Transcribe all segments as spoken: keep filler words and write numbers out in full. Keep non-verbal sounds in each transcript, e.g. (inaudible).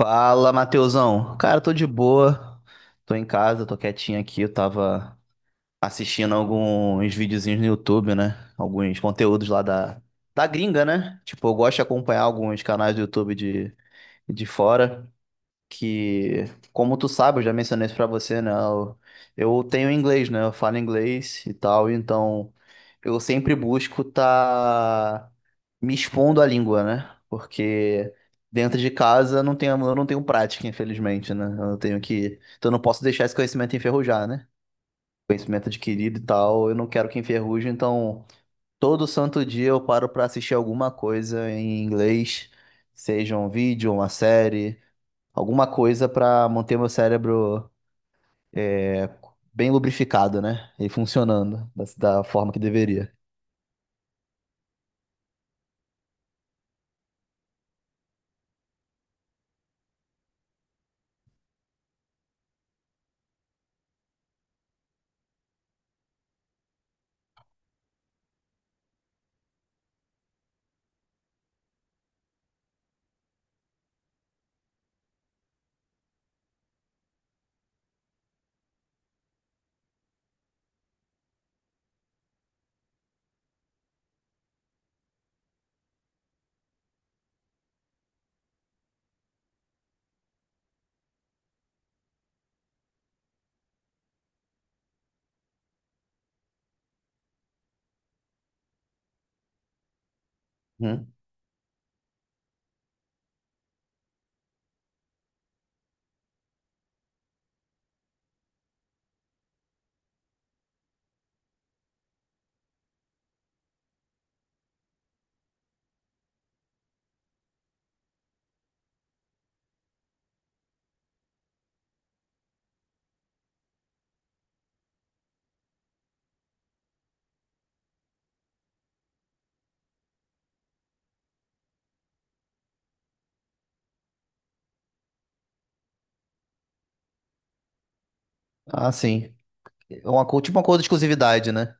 Fala, Matheusão. Cara, tô de boa. Tô em casa, tô quietinho aqui. Eu tava assistindo alguns videozinhos no YouTube, né? Alguns conteúdos lá da, da gringa, né? Tipo, eu gosto de acompanhar alguns canais do YouTube de, de fora que, como tu sabe, eu já mencionei isso pra você, né? Eu, eu tenho inglês, né? Eu falo inglês e tal, então eu sempre busco tá me expondo à língua, né? Porque dentro de casa não tenho, eu não tenho prática, infelizmente, né? Eu tenho que, então eu não posso deixar esse conhecimento enferrujar, né? Conhecimento adquirido e tal, eu não quero que enferruje, então todo santo dia eu paro pra assistir alguma coisa em inglês, seja um vídeo, uma série, alguma coisa para manter meu cérebro é, bem lubrificado, né? E funcionando da, da forma que deveria. Hum. Ah, sim. É uma, co- tipo uma coisa de exclusividade, né?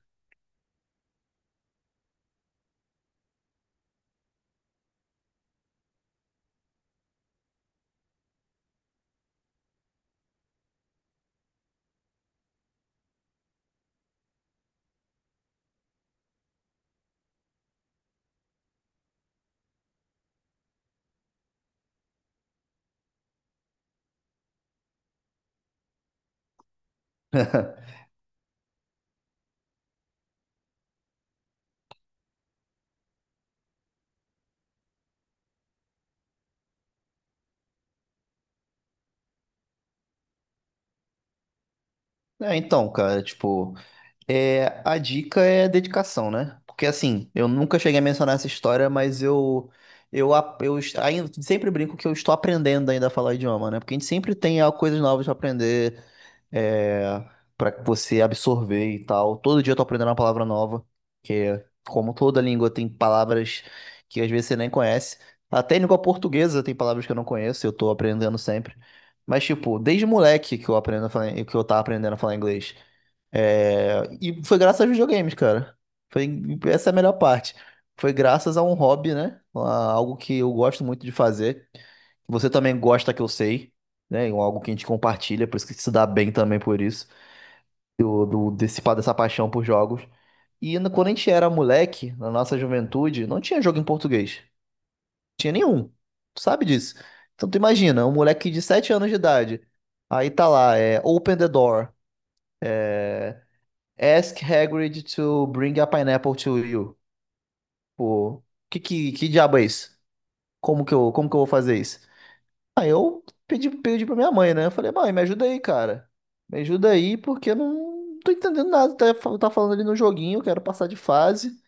(laughs) É, então, cara, tipo, é, a dica é dedicação, né? Porque assim, eu nunca cheguei a mencionar essa história, mas eu eu, a- eu est- ainda sempre brinco que eu estou aprendendo ainda a falar idioma, né? Porque a gente sempre tem ah, coisas novas pra aprender, é, para você absorver e tal. Todo dia eu tô aprendendo uma palavra nova, que é, como toda língua tem palavras que às vezes você nem conhece. Até em língua portuguesa tem palavras que eu não conheço, eu tô aprendendo sempre. Mas tipo, desde moleque que eu aprendo a falar, que eu tava aprendendo a falar inglês. É, e foi graças aos videogames, cara. Foi essa é a melhor parte. Foi graças a um hobby, né? A- Algo que eu gosto muito de fazer. Você também gosta, que eu sei, né? É algo que a gente compartilha, por isso que se dá bem também, por isso, do, do- desse, pa- dessa paixão por jogos. E no- quando a gente era moleque, na nossa juventude, não tinha jogo em português. Não tinha nenhum. Tu sabe disso. Então tu imagina, um moleque de sete anos de idade. Aí tá lá, é Open the door. Ask Hagrid to bring a pineapple to you. Pô, que, que, que diabo é isso? Como que eu, como que eu vou fazer isso? Aí eu pedi, pedi pra minha mãe, né? Eu falei, mãe, me ajuda aí, cara. Me ajuda aí, porque eu não tô entendendo nada. Tá, tá falando ali no joguinho, eu quero passar de fase.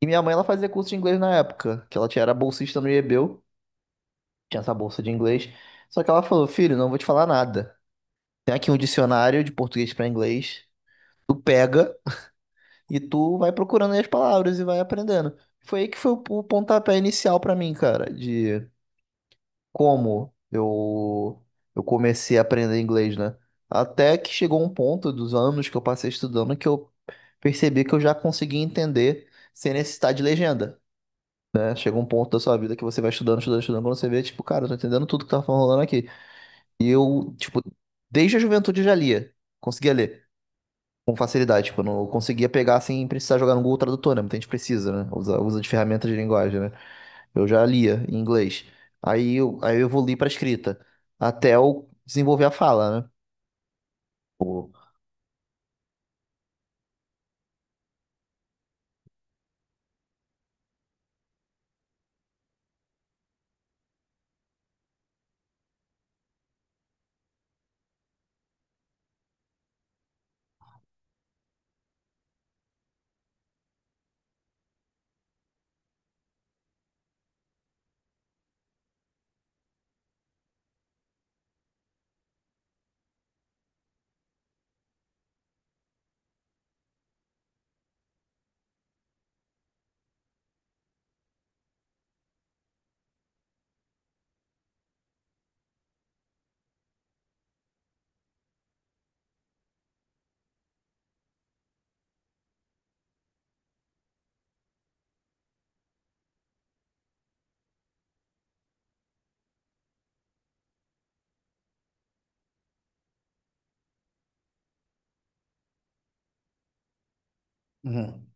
E minha mãe, ela fazia curso de inglês na época, que ela tinha, era bolsista no IEBEU, tinha essa bolsa de inglês. Só que ela falou, filho, não vou te falar nada. Tem aqui um dicionário de português pra inglês. Tu pega e tu vai procurando aí as palavras e vai aprendendo. Foi aí que foi o o pontapé inicial pra mim, cara, de como eu, eu comecei a aprender inglês, né? Até que chegou um ponto dos anos que eu passei estudando que eu percebi que eu já conseguia entender sem necessitar de legenda, né? Chega um ponto da sua vida que você vai estudando, estudando, estudando, quando você vê, tipo, cara, eu tô entendendo tudo que tá falando aqui. E eu, tipo, desde a juventude eu já lia, conseguia ler com facilidade. Tipo, eu não conseguia pegar sem precisar jogar no Google Tradutor, né? Muita gente precisa, né? Usa, usa de ferramentas de linguagem, né? Eu já lia em inglês. Aí eu, aí eu evoluí para escrita, até eu desenvolver a fala, né? Pô. Uhum.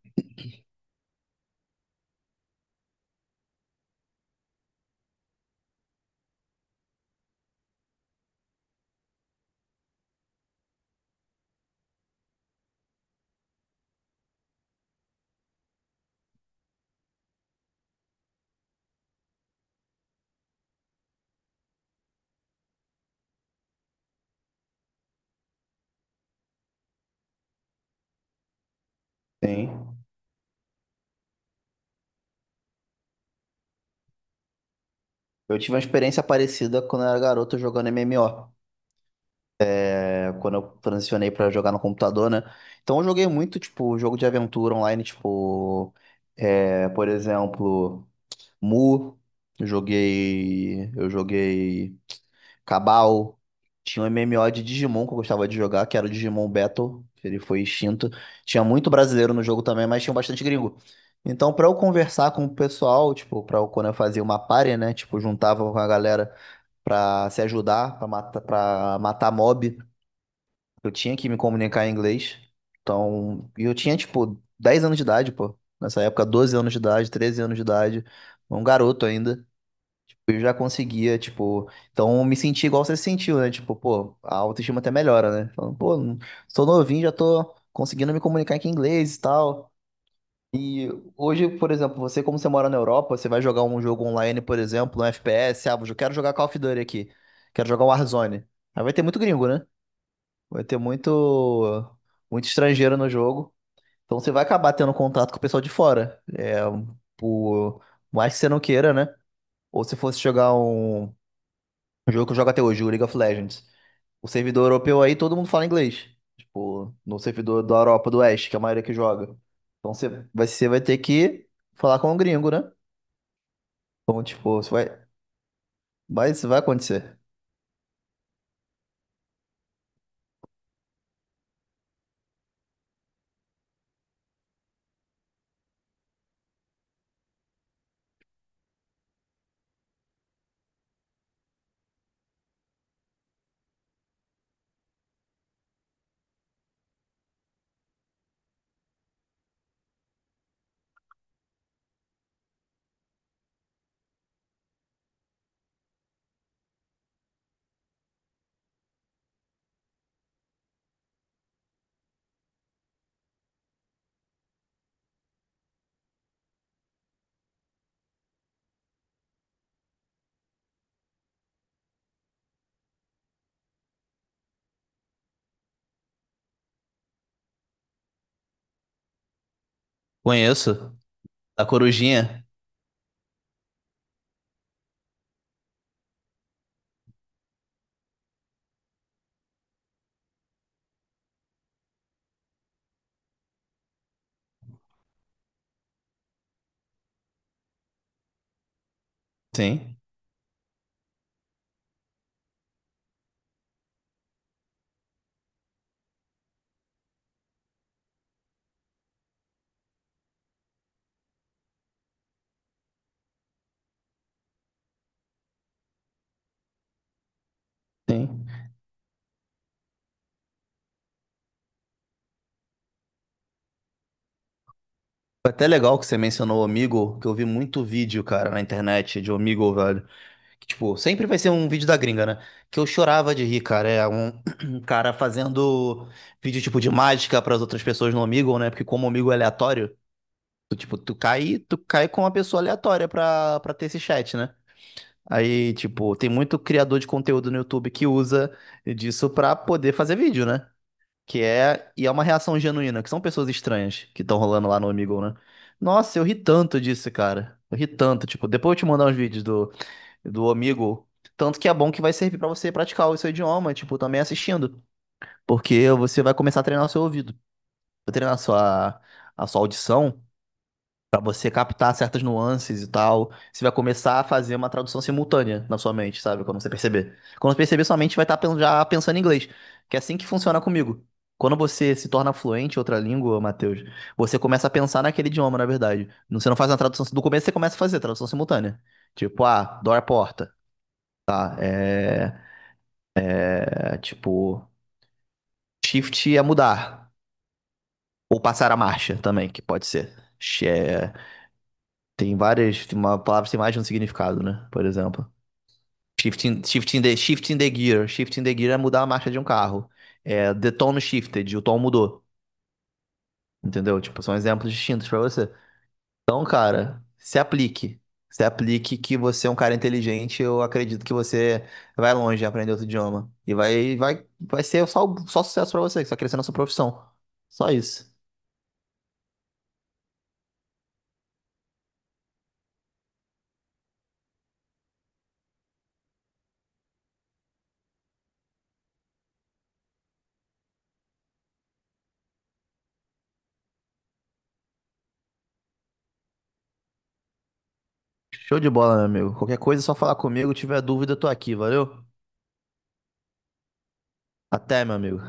Sim. Eu tive uma experiência parecida quando eu era garoto jogando M M O, é, quando eu transicionei pra jogar no computador, né? Então eu joguei muito, tipo, jogo de aventura online, tipo, é, por exemplo. Mu, eu joguei, eu joguei Cabal. Tinha um M M O de Digimon que eu gostava de jogar, que era o Digimon Battle, que ele foi extinto. Tinha muito brasileiro no jogo também, mas tinha bastante gringo. Então, pra eu conversar com o pessoal, tipo, pra eu, quando eu fazia uma party, né, tipo, juntava com a galera pra se ajudar, pra matar, pra matar mob, eu tinha que me comunicar em inglês. Então, e eu tinha, tipo, dez anos de idade, pô. Nessa época, doze anos de idade, treze anos de idade, um garoto ainda, eu já conseguia, tipo, então eu me senti igual você se sentiu, né? Tipo, pô, a autoestima até melhora, né? Falando, pô, não- sou novinho, já tô conseguindo me comunicar aqui em inglês e tal. E hoje, por exemplo, você, como você mora na Europa, você vai jogar um jogo online, por exemplo, um F P S, ah, eu quero jogar Call of Duty aqui, quero jogar Warzone. Aí vai ter muito gringo, né? Vai ter muito, muito estrangeiro no jogo. Então você vai acabar tendo contato com o pessoal de fora. É, por mais que você não queira, né? Ou se fosse jogar um. O jogo que eu jogo até hoje, o League of Legends. O servidor europeu aí, todo mundo fala inglês. Tipo, no servidor da Europa do Oeste, que é a maioria que joga. Então você vai, você vai ter que falar com o gringo, né? Então, tipo, isso vai, vai, isso vai acontecer. Conheço. A Corujinha. Sim, sim. Foi até legal que você mencionou o Omegle, que eu vi muito vídeo, cara, na internet de Omegle, velho. que, Tipo, sempre vai ser um vídeo da gringa, né? Que eu chorava de rir, cara. É um, (clears throat) um cara fazendo vídeo tipo de mágica para as outras pessoas no Omegle, né? Porque como o Omegle é aleatório, tu, tipo, tu cai, tu cai com uma pessoa aleatória pra, pra ter esse chat, né? Aí, tipo, tem muito criador de conteúdo no YouTube que usa disso pra poder fazer vídeo, né? Que é, e é uma reação genuína, que são pessoas estranhas que estão rolando lá no Omegle, né? Nossa, eu ri tanto disso, cara. Eu ri tanto, tipo, depois eu te mandar uns vídeos do do amigo. Tanto que é bom que vai servir pra você praticar o seu idioma, tipo, também assistindo. Porque você vai começar a treinar o seu ouvido, vai treinar a sua, a sua audição, pra você captar certas nuances e tal. Você vai começar a fazer uma tradução simultânea na sua mente, sabe? Quando você perceber. Quando você perceber, sua mente vai estar já pensando em inglês. Que é assim que funciona comigo. Quando você se torna fluente em outra língua, Matheus, você começa a pensar naquele idioma, na verdade. Você não faz uma tradução. Do começo você começa a fazer tradução simultânea. Tipo, ah, dor à porta. É tipo, shift é mudar. Ou passar a marcha também, que pode ser. é, Tem várias. Uma palavra tem mais de um significado, né? Por exemplo. Shifting, shifting, the, shifting the gear. Shifting the gear é mudar a marcha de um carro. É, the tone shifted, o tom mudou. Entendeu? Tipo, são exemplos distintos pra você. Então, cara, se aplique. Se aplique, que você é um cara inteligente, eu acredito que você vai longe em aprender outro idioma. E vai, vai, vai ser só, só sucesso pra você, que você vai crescer na sua profissão. Só isso. Show de bola, meu amigo. Qualquer coisa é só falar comigo. Tiver dúvida, eu tô aqui, valeu? Até, meu amigo.